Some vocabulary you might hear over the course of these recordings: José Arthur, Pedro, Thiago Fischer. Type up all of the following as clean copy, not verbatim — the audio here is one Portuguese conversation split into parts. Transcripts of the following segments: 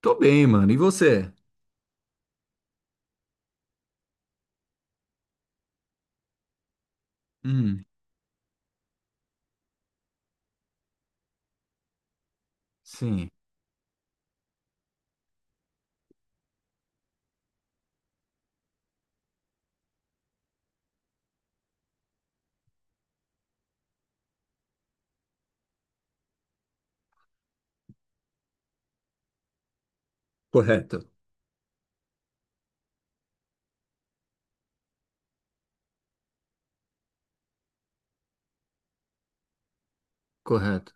Tô bem, mano. E você? Hum, sim, correto, correto.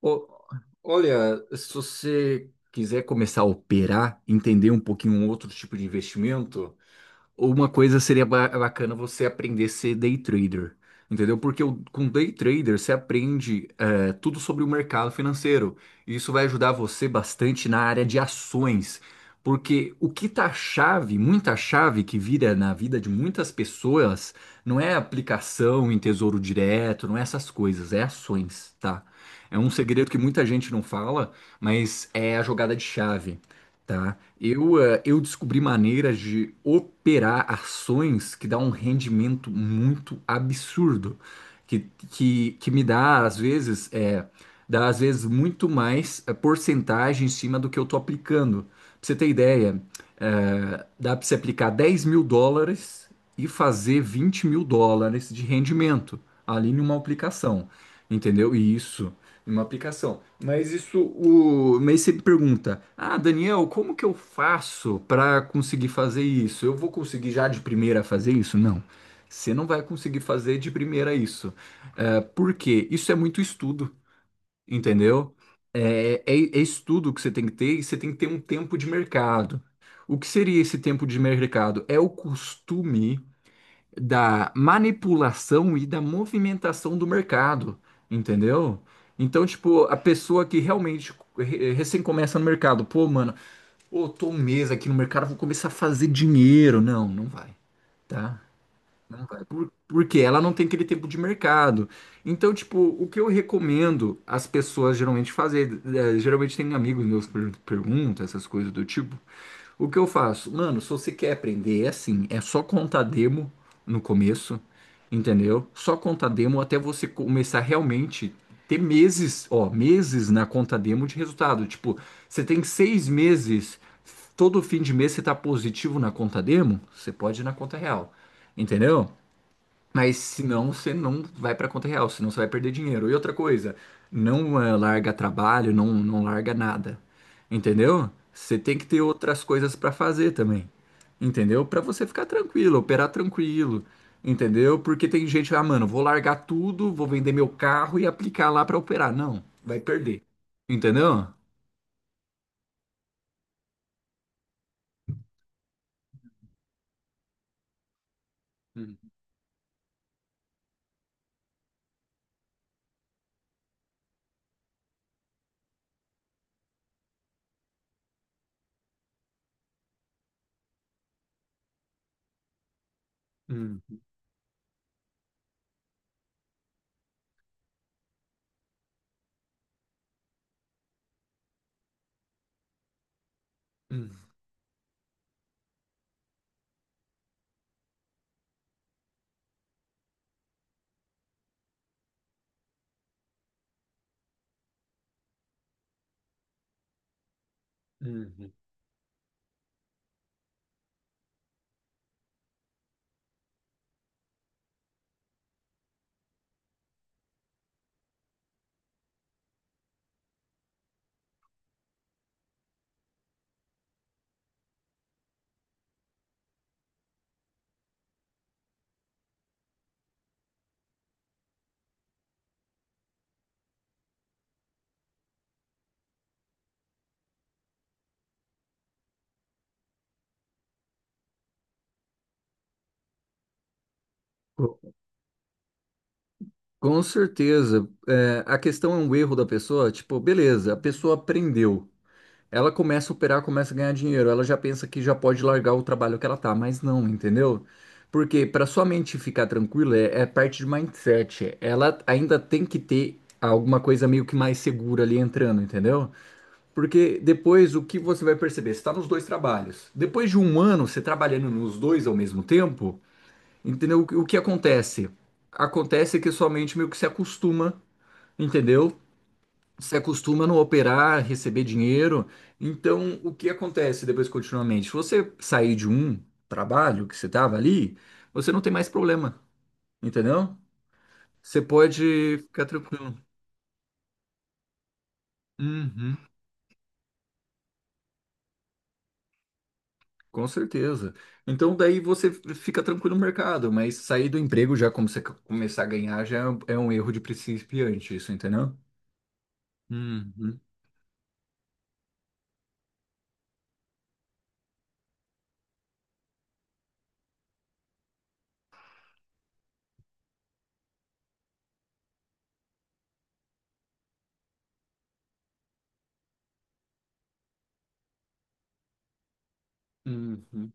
Ô, olha, se você quiser começar a operar, entender um pouquinho um outro tipo de investimento, uma coisa seria bacana você aprender a ser day trader, entendeu? Porque com day trader você aprende tudo sobre o mercado financeiro. E isso vai ajudar você bastante na área de ações. Porque o que tá chave, muita chave que vira na vida de muitas pessoas, não é aplicação em tesouro direto, não é essas coisas, é ações, tá? É um segredo que muita gente não fala, mas é a jogada de chave. Tá? Eu descobri maneiras de operar ações que dá um rendimento muito absurdo, que, que me dá, às vezes, dá, às vezes, muito mais porcentagem em cima do que eu tô aplicando. Pra você ter ideia, dá para você aplicar US$ 10.000 e fazer US$ 20.000 de rendimento ali numa aplicação, entendeu? E isso uma aplicação. Mas isso. Mas sempre pergunta, ah, Daniel, como que eu faço para conseguir fazer isso? Eu vou conseguir já de primeira fazer isso? Não. Você não vai conseguir fazer de primeira isso. É, por quê? Isso é muito estudo, entendeu? É estudo que você tem que ter e você tem que ter um tempo de mercado. O que seria esse tempo de mercado? É o costume da manipulação e da movimentação do mercado, entendeu? Então, tipo, a pessoa que realmente recém começa no mercado, pô, mano, ô, tô um mês aqui no mercado, vou começar a fazer dinheiro. Não, não vai, tá? Não vai. Porque ela não tem aquele tempo de mercado. Então, tipo, o que eu recomendo as pessoas geralmente fazer, geralmente tem amigos meus que perguntam essas coisas do tipo, o que eu faço? Mano, se você quer aprender, é assim, é só contar demo no começo, entendeu? Só contar demo até você começar realmente ter meses, ó, meses na conta demo de resultado. Tipo, você tem 6 meses, todo fim de mês você tá positivo na conta demo, você pode ir na conta real, entendeu? Mas senão você não vai para conta real, senão você vai perder dinheiro. E outra coisa, não larga trabalho, não, não larga nada. Entendeu? Você tem que ter outras coisas para fazer também. Entendeu? Para você ficar tranquilo, operar tranquilo. Entendeu? Porque tem gente, ah, mano, vou largar tudo, vou vender meu carro e aplicar lá para operar. Não, vai perder. Entendeu? Hum, hum, hum, hum. Co- Com certeza. É, a questão é um erro da pessoa, tipo, beleza, a pessoa aprendeu. Ela começa a operar, começa a ganhar dinheiro. Ela já pensa que já pode largar o trabalho que ela tá, mas não, entendeu? Porque para sua mente ficar tranquila é parte de mindset. Ela ainda tem que ter alguma coisa meio que mais segura ali entrando, entendeu? Porque depois o que você vai perceber? Você tá nos dois trabalhos. Depois de um ano, você trabalhando nos dois ao mesmo tempo, entendeu? O que acontece? Acontece que sua mente meio que se acostuma, entendeu? Você acostuma não operar, receber dinheiro. Então, o que acontece depois continuamente? Se você sair de um trabalho que você estava ali, você não tem mais problema, entendeu? Você pode ficar tranquilo. Uhum, com certeza. Então, daí você fica tranquilo no mercado, mas sair do emprego já, como você começar a ganhar, já é um erro de principiante, isso, entendeu? Uhum, uhum,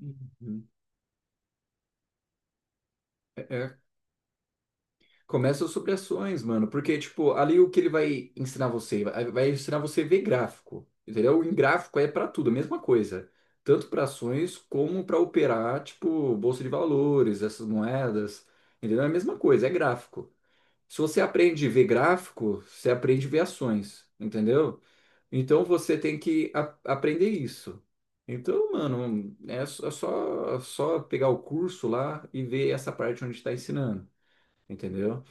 uhum. Começa as supressões, mano, porque, tipo, ali o que ele vai ensinar você? Vai ensinar você a ver gráfico, entendeu? Em gráfico é pra tudo, a mesma coisa. Tanto pra ações como pra operar, tipo, bolsa de valores, essas moedas, entendeu? É a mesma coisa, é gráfico. Se você aprende a ver gráfico, você aprende a ver ações, entendeu? Então você tem que aprender isso. Então, mano, é só pegar o curso lá e ver essa parte onde está ensinando, entendeu?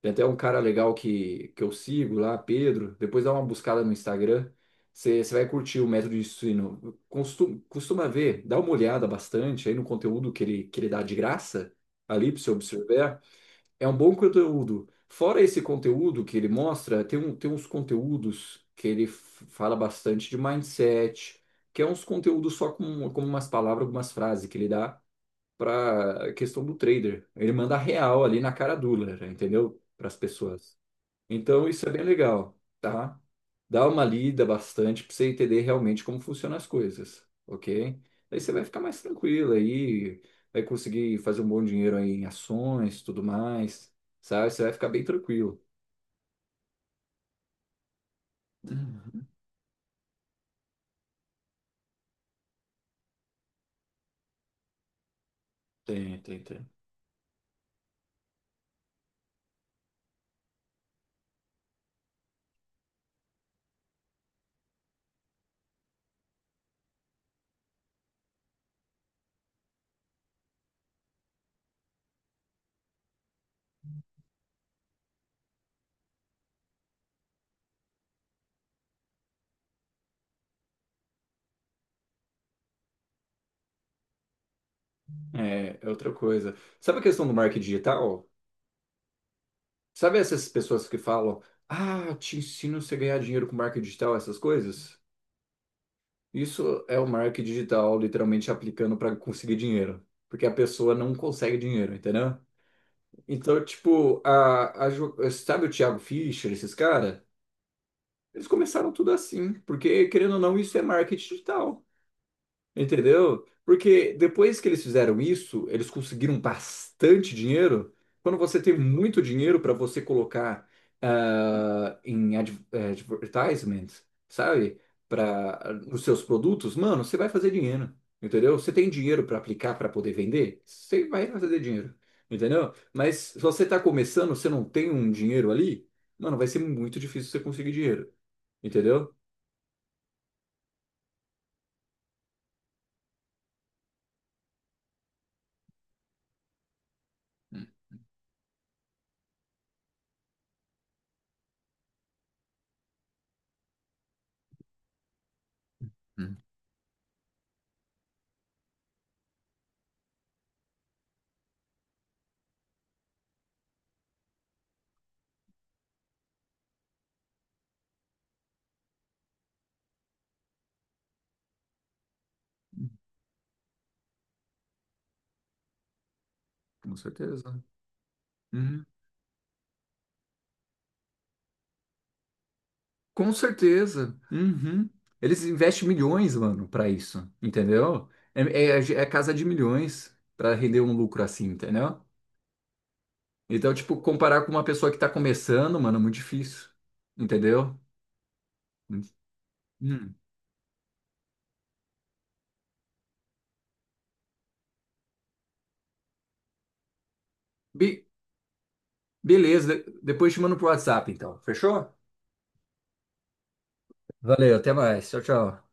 Tem até um cara legal que eu sigo lá, Pedro. Depois dá uma buscada no Instagram. Você vai curtir o método de ensino. Costuma ver, dá uma olhada bastante aí no conteúdo que ele dá de graça ali para você observar. É um bom conteúdo. Fora esse conteúdo que ele mostra, tem uns conteúdos que ele fala bastante de mindset, que é uns conteúdos só com umas palavras, algumas frases que ele dá para a questão do trader. Ele manda real ali na cara dura, entendeu? Para as pessoas. Então isso é bem legal, tá? Dá uma lida bastante para você entender realmente como funcionam as coisas, ok? Aí você vai ficar mais tranquilo aí, vai conseguir fazer um bom dinheiro aí em ações, tudo mais, sabe? Você vai ficar bem tranquilo. Tem, tem, tem. É, é outra coisa. Sabe a questão do marketing digital? Sabe essas pessoas que falam, ah, te ensino você a ganhar dinheiro com marketing digital, essas coisas? Isso é o marketing digital literalmente aplicando para conseguir dinheiro, porque a pessoa não consegue dinheiro, entendeu? Então, tipo, sabe o Thiago Fischer, esses caras? Eles começaram tudo assim, porque querendo ou não, isso é marketing digital. Entendeu? Porque depois que eles fizeram isso, eles conseguiram bastante dinheiro. Quando você tem muito dinheiro para você colocar em advertisement, sabe? Para os seus produtos, mano, você vai fazer dinheiro. Entendeu? Você tem dinheiro para aplicar para poder vender? Você vai fazer dinheiro. Entendeu? Mas se você está começando, você não tem um dinheiro ali, mano, vai ser muito difícil você conseguir dinheiro. Entendeu? Hum, hum, Com certeza. Uhum. Com certeza. Uhum. Eles investem milhões, mano, pra isso, entendeu? É casa de milhões pra render um lucro assim, entendeu? Então, tipo, comparar com uma pessoa que tá começando, mano, é muito difícil, entendeu? Hum. Be- beleza, depois te mando pro WhatsApp, então. Fechou? Valeu, até mais. Tchau, tchau.